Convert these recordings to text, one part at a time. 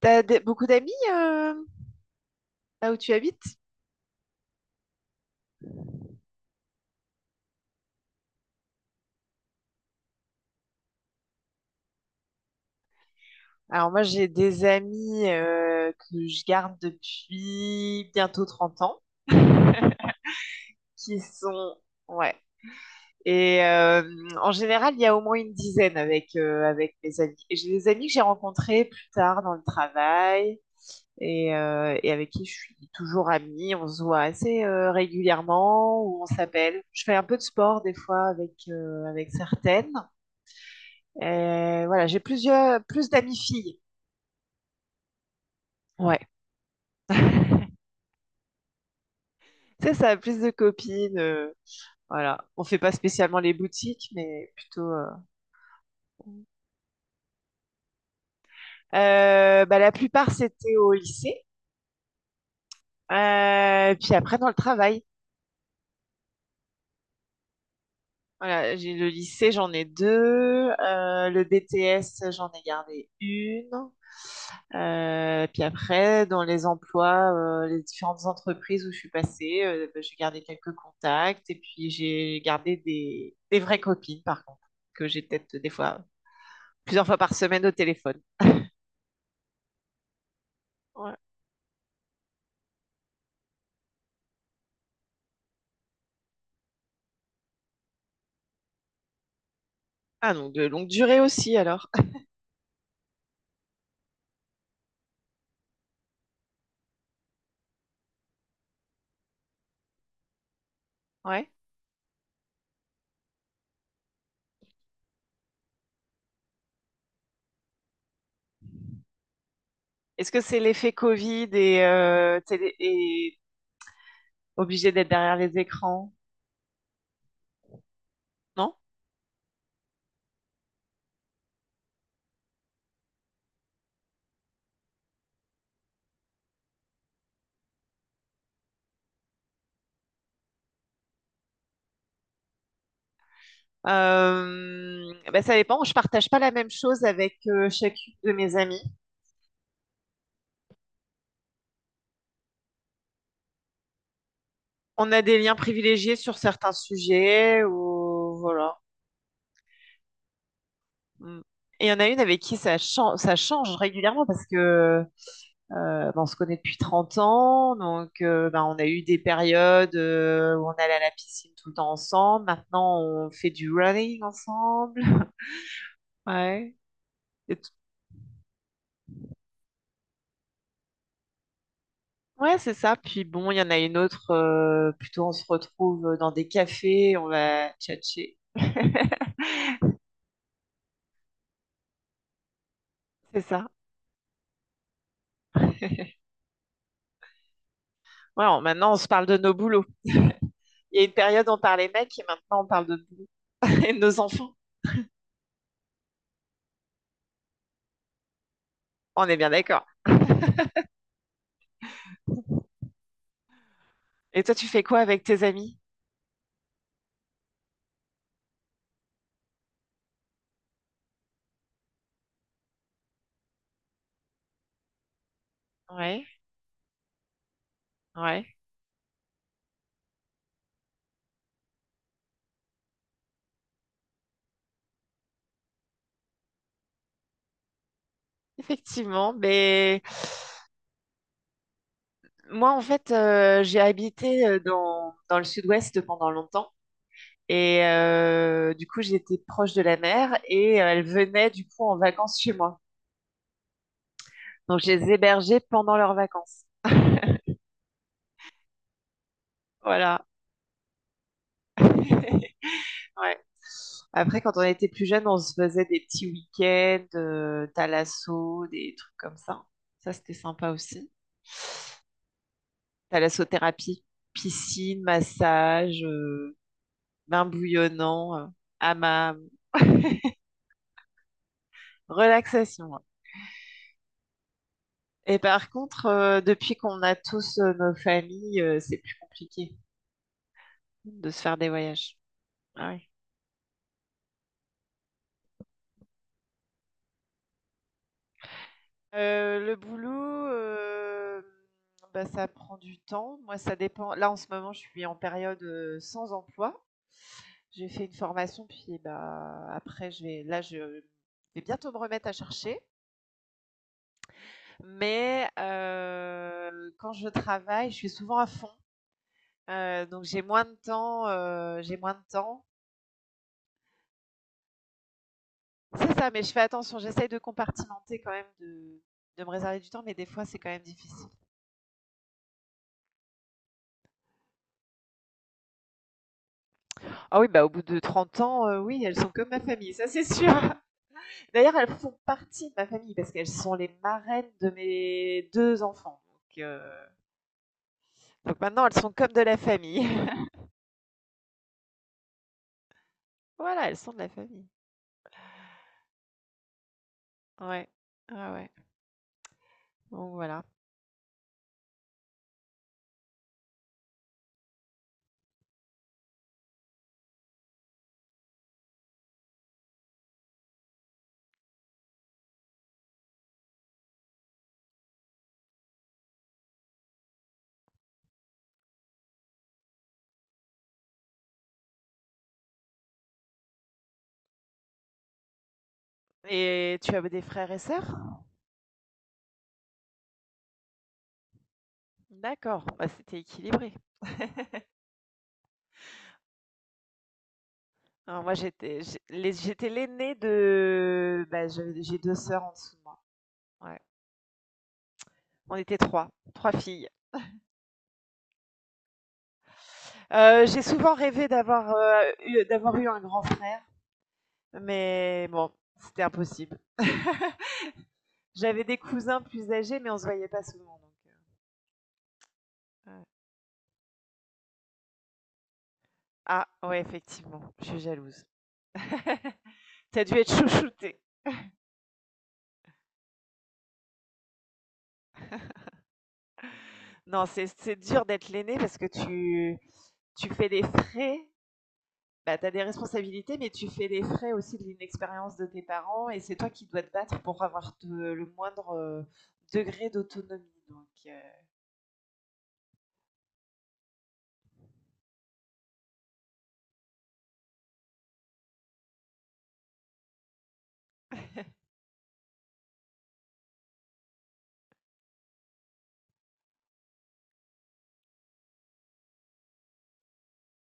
T'as beaucoup d'amis là où tu habites? Alors moi j'ai des amis que je garde depuis bientôt 30 ans qui sont ouais et euh, en général il y a au moins une dizaine avec mes amis, et j'ai des amis que j'ai rencontrés plus tard dans le travail et avec qui je suis toujours amie. On se voit assez régulièrement ou on s'appelle, je fais un peu de sport des fois avec certaines, et voilà, j'ai plus d'amis filles. Ouais. Tu sais, ça a plus de copines, voilà. On fait pas spécialement les boutiques, mais plutôt, bah, la plupart, c'était au lycée. Puis après, dans le travail. Voilà, j'ai le lycée, j'en ai deux. Le BTS, j'en ai gardé une. Puis après, dans les emplois, les différentes entreprises où je suis passée, bah, j'ai gardé quelques contacts. Et puis, j'ai gardé des vraies copines, par contre, que j'ai peut-être des fois plusieurs fois par semaine au téléphone. Ouais. Ah non, de longue durée aussi alors. Ouais. Est-ce que c'est l'effet Covid et obligé d'être derrière les écrans? Non? Ben, ça dépend. Je partage pas la même chose avec chacune de mes amies. On a des liens privilégiés sur certains sujets ou voilà. Mm. Et il y en a une avec qui ça change régulièrement parce que ben, on se connaît depuis 30 ans, donc ben, on a eu des périodes où on allait à la piscine tout le temps ensemble. Maintenant, on fait du running ensemble. Ouais. Et t- ouais, c'est ça. Puis bon, il y en a une autre, plutôt on se retrouve dans des cafés, on va tchatcher. C'est ça. Ouais, maintenant, on se parle de nos boulots. Il y a une période, on parlait mecs, et maintenant, on parle de boulot et de nos enfants. On est bien d'accord. Et toi, tu fais quoi avec tes amis? Ouais, ouais. Effectivement, mais moi en fait, j'ai habité, dans le sud-ouest pendant longtemps, et du coup j'étais proche de la mer, et elles venaient du coup en vacances chez moi. Donc je les hébergeais pendant leurs vacances. Voilà. Ouais. Après, quand on était plus jeune, on se faisait des petits week-ends, thalasso, des trucs comme ça. Ça c'était sympa aussi. Thalassothérapie, piscine, massage, bain bouillonnant, hammam, relaxation. Et par contre, depuis qu'on a tous, nos familles, c'est plus compliqué de se faire des voyages. Ah oui. Le boulot, euh, bah, ça prend du temps. Moi, ça dépend. Là, en ce moment, je suis en période sans emploi. J'ai fait une formation, puis bah, après, je vais bientôt me remettre à chercher. Mais quand je travaille, je suis souvent à fond. Donc j'ai moins de temps, j'ai moins de temps. C'est ça, mais je fais attention, j'essaye de compartimenter quand même, de me réserver du temps, mais des fois, c'est quand même difficile. Ah oui, bah, au bout de 30 ans, oui, elles sont comme ma famille, ça, c'est sûr. D'ailleurs, elles font partie de ma famille parce qu'elles sont les marraines de mes 2 enfants, donc maintenant elles sont comme de la famille. Voilà, elles sont de la famille. Ouais, ah ouais, donc voilà. Et tu as des frères et sœurs? D'accord, bah, c'était équilibré. Alors moi, j'étais l'aînée, de bah, j'ai deux sœurs en dessous de moi. Ouais. On était trois, trois filles. J'ai souvent rêvé d'avoir, d'avoir eu un grand frère, mais bon, c'était impossible. J'avais des cousins plus âgés, mais on se voyait pas souvent. Donc, ouais. Ah ouais, effectivement, je suis jalouse. T'as dû être chouchoutée. Non, c'est dur d'être l'aînée parce que tu fais des frais, bah, tu as des responsabilités, mais tu fais les frais aussi de l'inexpérience de tes parents, et c'est toi qui dois te battre pour avoir le moindre, degré d'autonomie. Donc,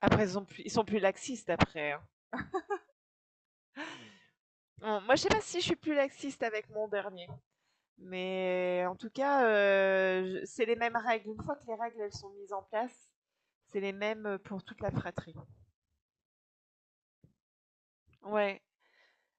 après, ils sont plus laxistes après, hein. Bon, moi, je sais pas si je suis plus laxiste avec mon dernier, mais en tout cas, c'est les mêmes règles. Une fois que les règles elles sont mises en place, c'est les mêmes pour toute la fratrie. Ouais,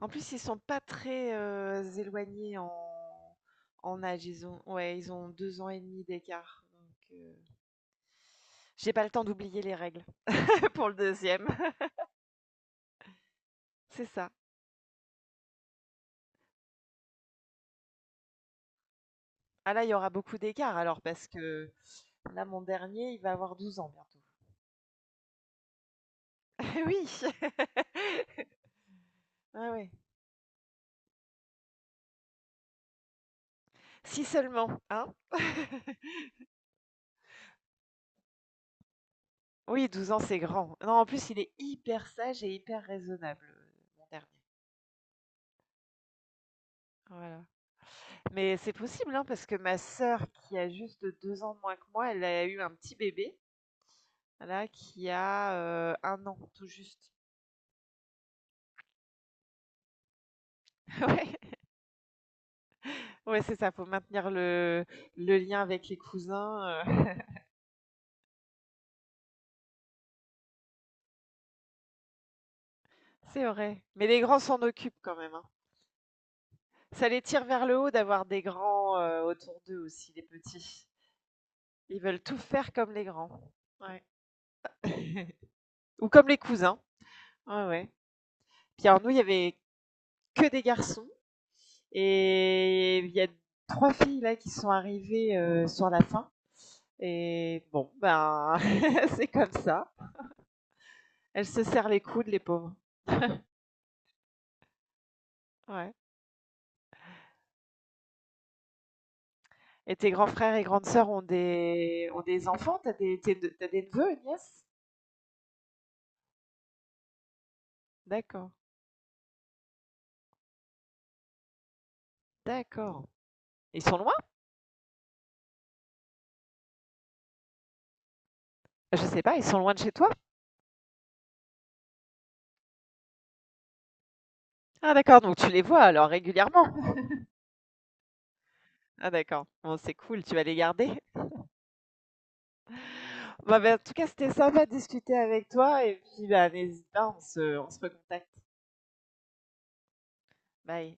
en plus, ils sont pas très, éloignés en âge. Ils ont ouais, ils ont 2 ans et demi d'écart, donc j'ai pas le temps d'oublier les règles pour le deuxième. C'est ça. Ah là, il y aura beaucoup d'écart alors parce que là, mon dernier, il va avoir 12 ans bientôt. Eh oui! Ah ouais. Si seulement, hein? Oui, 12 ans, c'est grand. Non, en plus, il est hyper sage et hyper raisonnable, mon dernier. Voilà. Mais c'est possible, hein, parce que ma sœur, qui a juste 2 ans de moins que moi, elle a eu un petit bébé, là, qui a, 1 an, tout juste. Ouais, ouais, c'est ça, faut maintenir le lien avec les cousins, c'est vrai. Mais les grands s'en occupent quand même, hein. Ça les tire vers le haut d'avoir des grands, autour d'eux aussi, les petits. Ils veulent tout faire comme les grands. Ouais. Ou comme les cousins. Ouais, ouais. Puis alors nous, il y avait que des garçons. Et il y a 3 filles là qui sont arrivées, sur la fin, et bon, ben, c'est comme ça. Elles se serrent les coudes, les pauvres. Ouais, et tes grands frères et grandes sœurs ont des enfants? T'as des tes de des neveux et nièces? D'accord, d'accord. Ils sont loin? Je sais pas, ils sont loin de chez toi? Ah d'accord, donc tu les vois alors régulièrement? Ah d'accord. Bon, c'est cool, tu vas les garder? Bah, en tout cas, c'était sympa de discuter avec toi, et puis, bah, n'hésite pas, on se recontacte. Bye.